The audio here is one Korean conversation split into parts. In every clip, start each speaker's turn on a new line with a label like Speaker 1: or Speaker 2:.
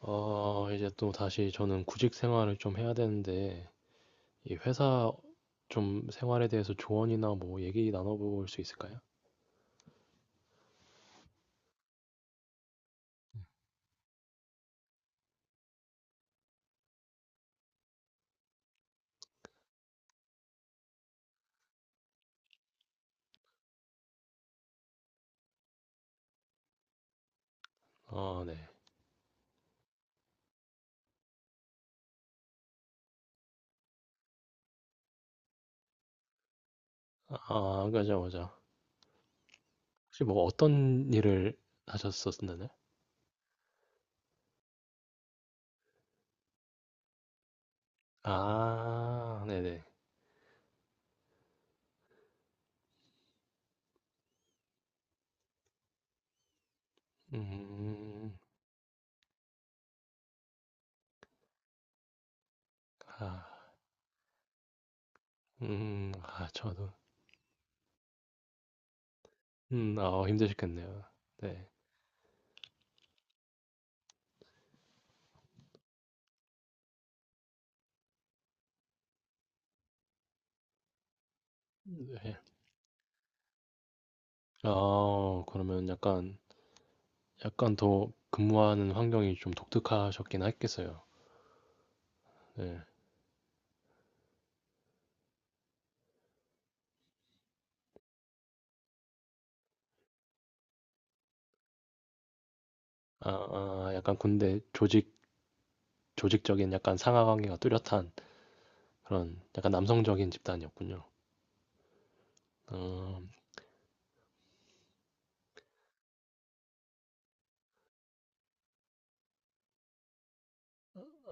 Speaker 1: 이제 또 다시 저는 구직 생활을 좀 해야 되는데, 이 회사 좀 생활에 대해서 조언이나 뭐 얘기 나눠볼 수 있을까요? 아, 네. 아, 맞아, 맞아. 혹시 뭐 어떤 일을 하셨었나요? 아, 네네. 음, 아, 아, 저도. 아, 힘드셨겠네요. 네. 네. 아, 그러면 약간, 약간 더 근무하는 환경이 좀 독특하셨긴 했겠어요. 네. 아, 아, 약간 군대 조직, 조직적인 약간 상하 관계가 뚜렷한 그런 약간 남성적인 집단이었군요. 어,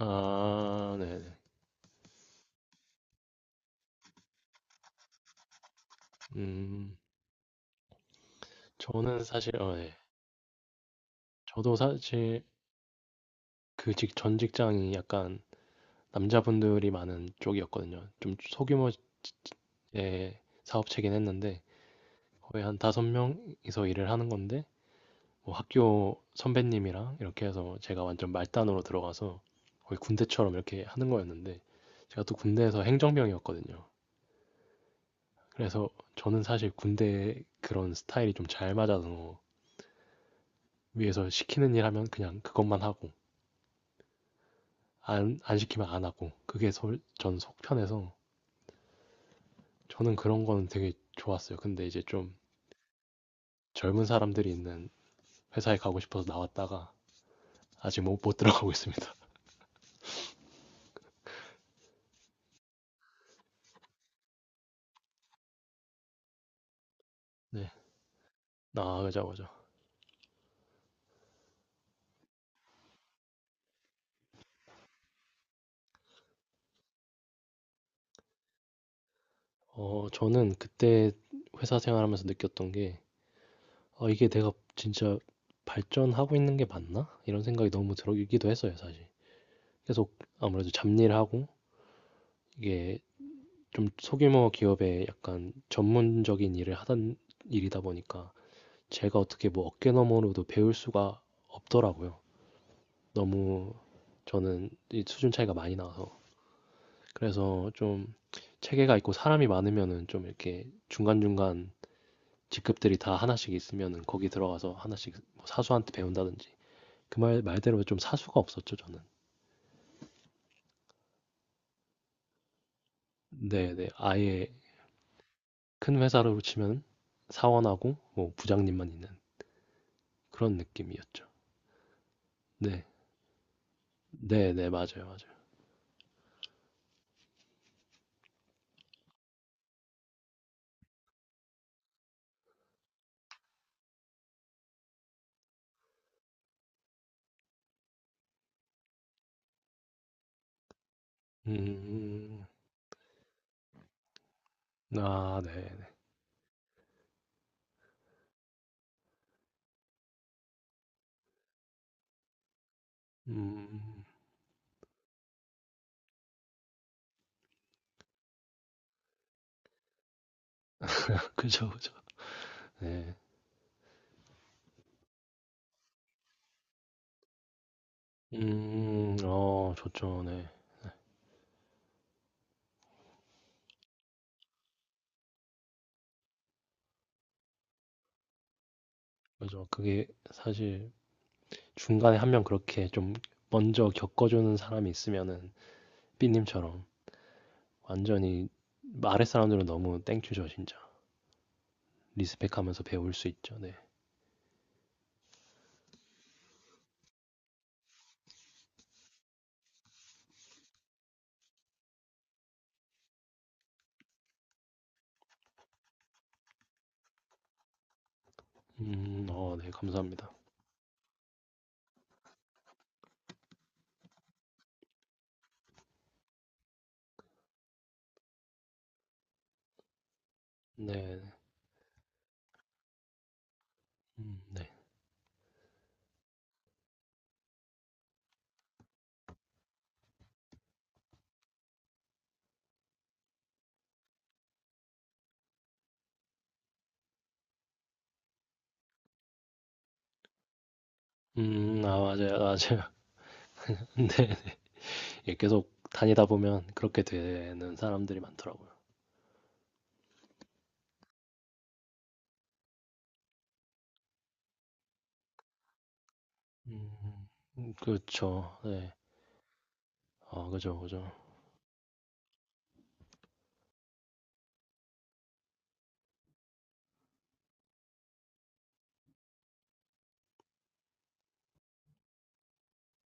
Speaker 1: 아, 네. 네. 음, 저는 사실, 네. 저도 사실 전 직장이 약간 남자분들이 많은 쪽이었거든요. 좀 소규모의 사업체긴 했는데 거의 한 다섯 명이서 일을 하는 건데 뭐 학교 선배님이랑 이렇게 해서 제가 완전 말단으로 들어가서 거의 군대처럼 이렇게 하는 거였는데 제가 또 군대에서 행정병이었거든요. 그래서 저는 사실 군대 그런 스타일이 좀 잘 맞아서 위에서 시키는 일 하면 그냥 그것만 하고 안 시키면 안 하고 전 속편해서 저는 그런 거는 되게 좋았어요. 근데 이제 좀 젊은 사람들이 있는 회사에 가고 싶어서 나왔다가 아직 못 들어가고 있습니다. 네. 나그자고죠. 저는 그때 회사 생활하면서 느꼈던 게, 아, 이게 내가 진짜 발전하고 있는 게 맞나? 이런 생각이 너무 들기도 했어요, 사실. 계속 아무래도 잡일 하고, 이게 좀 소규모 기업에 약간 전문적인 일을 하던 일이다 보니까, 제가 어떻게 뭐 어깨너머로도 배울 수가 없더라고요. 너무 저는 이 수준 차이가 많이 나서. 그래서 좀 체계가 있고 사람이 많으면은 좀 이렇게 중간중간 직급들이 다 하나씩 있으면은 거기 들어가서 하나씩 뭐 사수한테 배운다든지 그 말 말대로 좀 사수가 없었죠 저는. 네네, 아예 큰 회사로 치면 사원하고 뭐 부장님만 있는 그런 느낌이었죠. 네. 네네, 맞아요, 맞아요. 음, 아 네네. 음, 그죠, 그죠. 네. 좋죠. 네. 그죠. 그게 사실 중간에 한 명 그렇게 좀 먼저 겪어주는 사람이 있으면은 삐님처럼 완전히 아랫 사람들은 너무 땡큐죠, 진짜. 리스펙하면서 배울 수 있죠. 네. 네, 감사합니다. 네, 네. 아, 맞아요, 맞아요. 네, 예, 계속 다니다 보면 그렇게 되는 사람들이 많더라고요. 음, 그렇죠. 네, 아, 그죠, 그죠.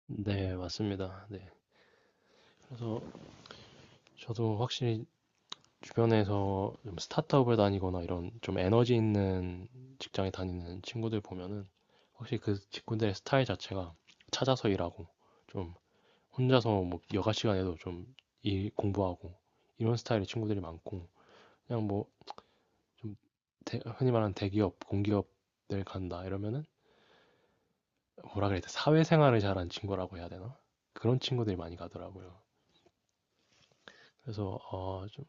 Speaker 1: 네, 맞습니다. 네. 그래서 저도 확실히 주변에서 좀 스타트업을 다니거나 이런 좀 에너지 있는 직장에 다니는 친구들 보면은 확실히 그 친구들의 스타일 자체가 찾아서 일하고 좀 혼자서 뭐 여가 시간에도 좀 일 공부하고 이런 스타일의 친구들이 많고 그냥 뭐 좀 흔히 말하는 대기업, 공기업들 간다 이러면은 뭐라 그래야 돼, 사회생활을 잘하는 친구라고 해야 되나, 그런 친구들이 많이 가더라고요. 그래서 아 좀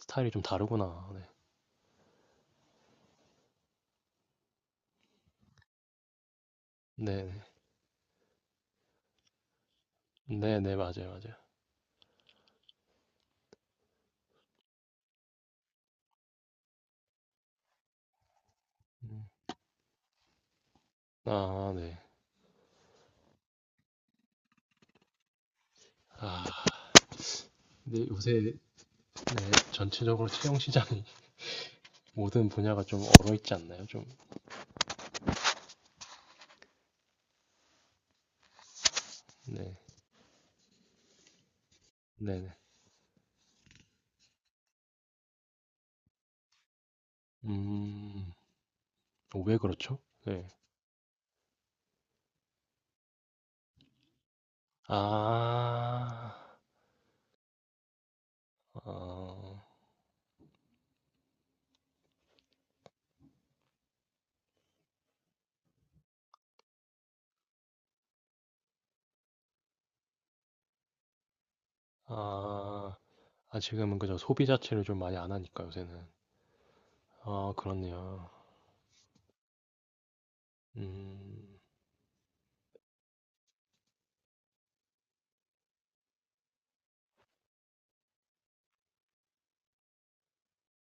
Speaker 1: 스타일이 좀 다르구나. 네, 네, 네, 네, 네, 맞아요, 맞아요. 음. 아, 네. 아, 근데 요새 네, 전체적으로 채용 시장이 모든 분야가 좀 얼어 있지 않나요? 좀. 네. 네, 네. 음. 왜 그렇죠? 네. 아. 아. 아. 아, 지금은 그저 소비 자체를 좀 많이 안 하니까 요새는. 아, 그렇네요. 음.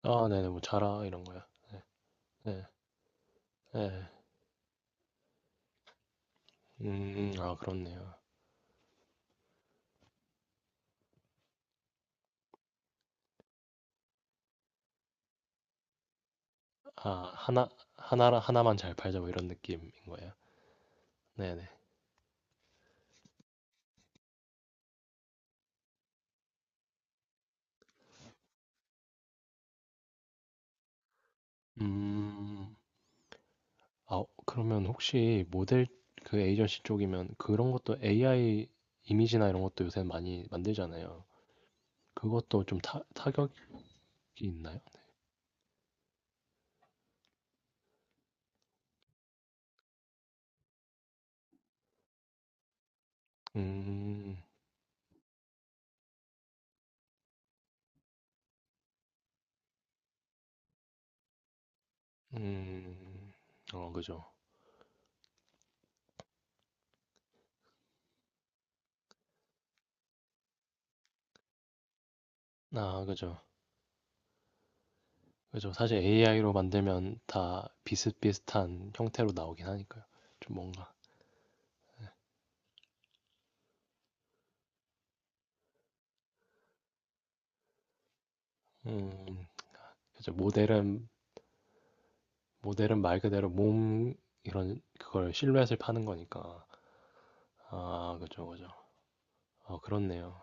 Speaker 1: 아, 네네. 뭐 자라 이런 거야. 네. 네. 음. 아, 그렇네요. 아, 하나 하나만 잘 팔자 뭐 이런 느낌인 거예요. 네네. 음. 아 그러면 혹시 모델 그 에이전시 쪽이면 그런 것도 AI 이미지나 이런 것도 요새 많이 만들잖아요. 그것도 타격이 있나요? 음, 음, 그죠. 아, 그죠. 그죠. 사실 AI로 만들면 다 비슷비슷한 형태로 나오긴 하니까요. 좀 뭔가, 음, 그죠. 모델은, 모델은 말 그대로 몸, 이런, 그걸 실루엣을 파는 거니까. 아, 그죠, 그죠. 어, 그렇네요.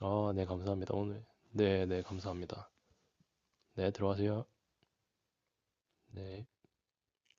Speaker 1: 아 네 감사합니다. 오늘 네네 감사합니다. 네 들어가세요. 네.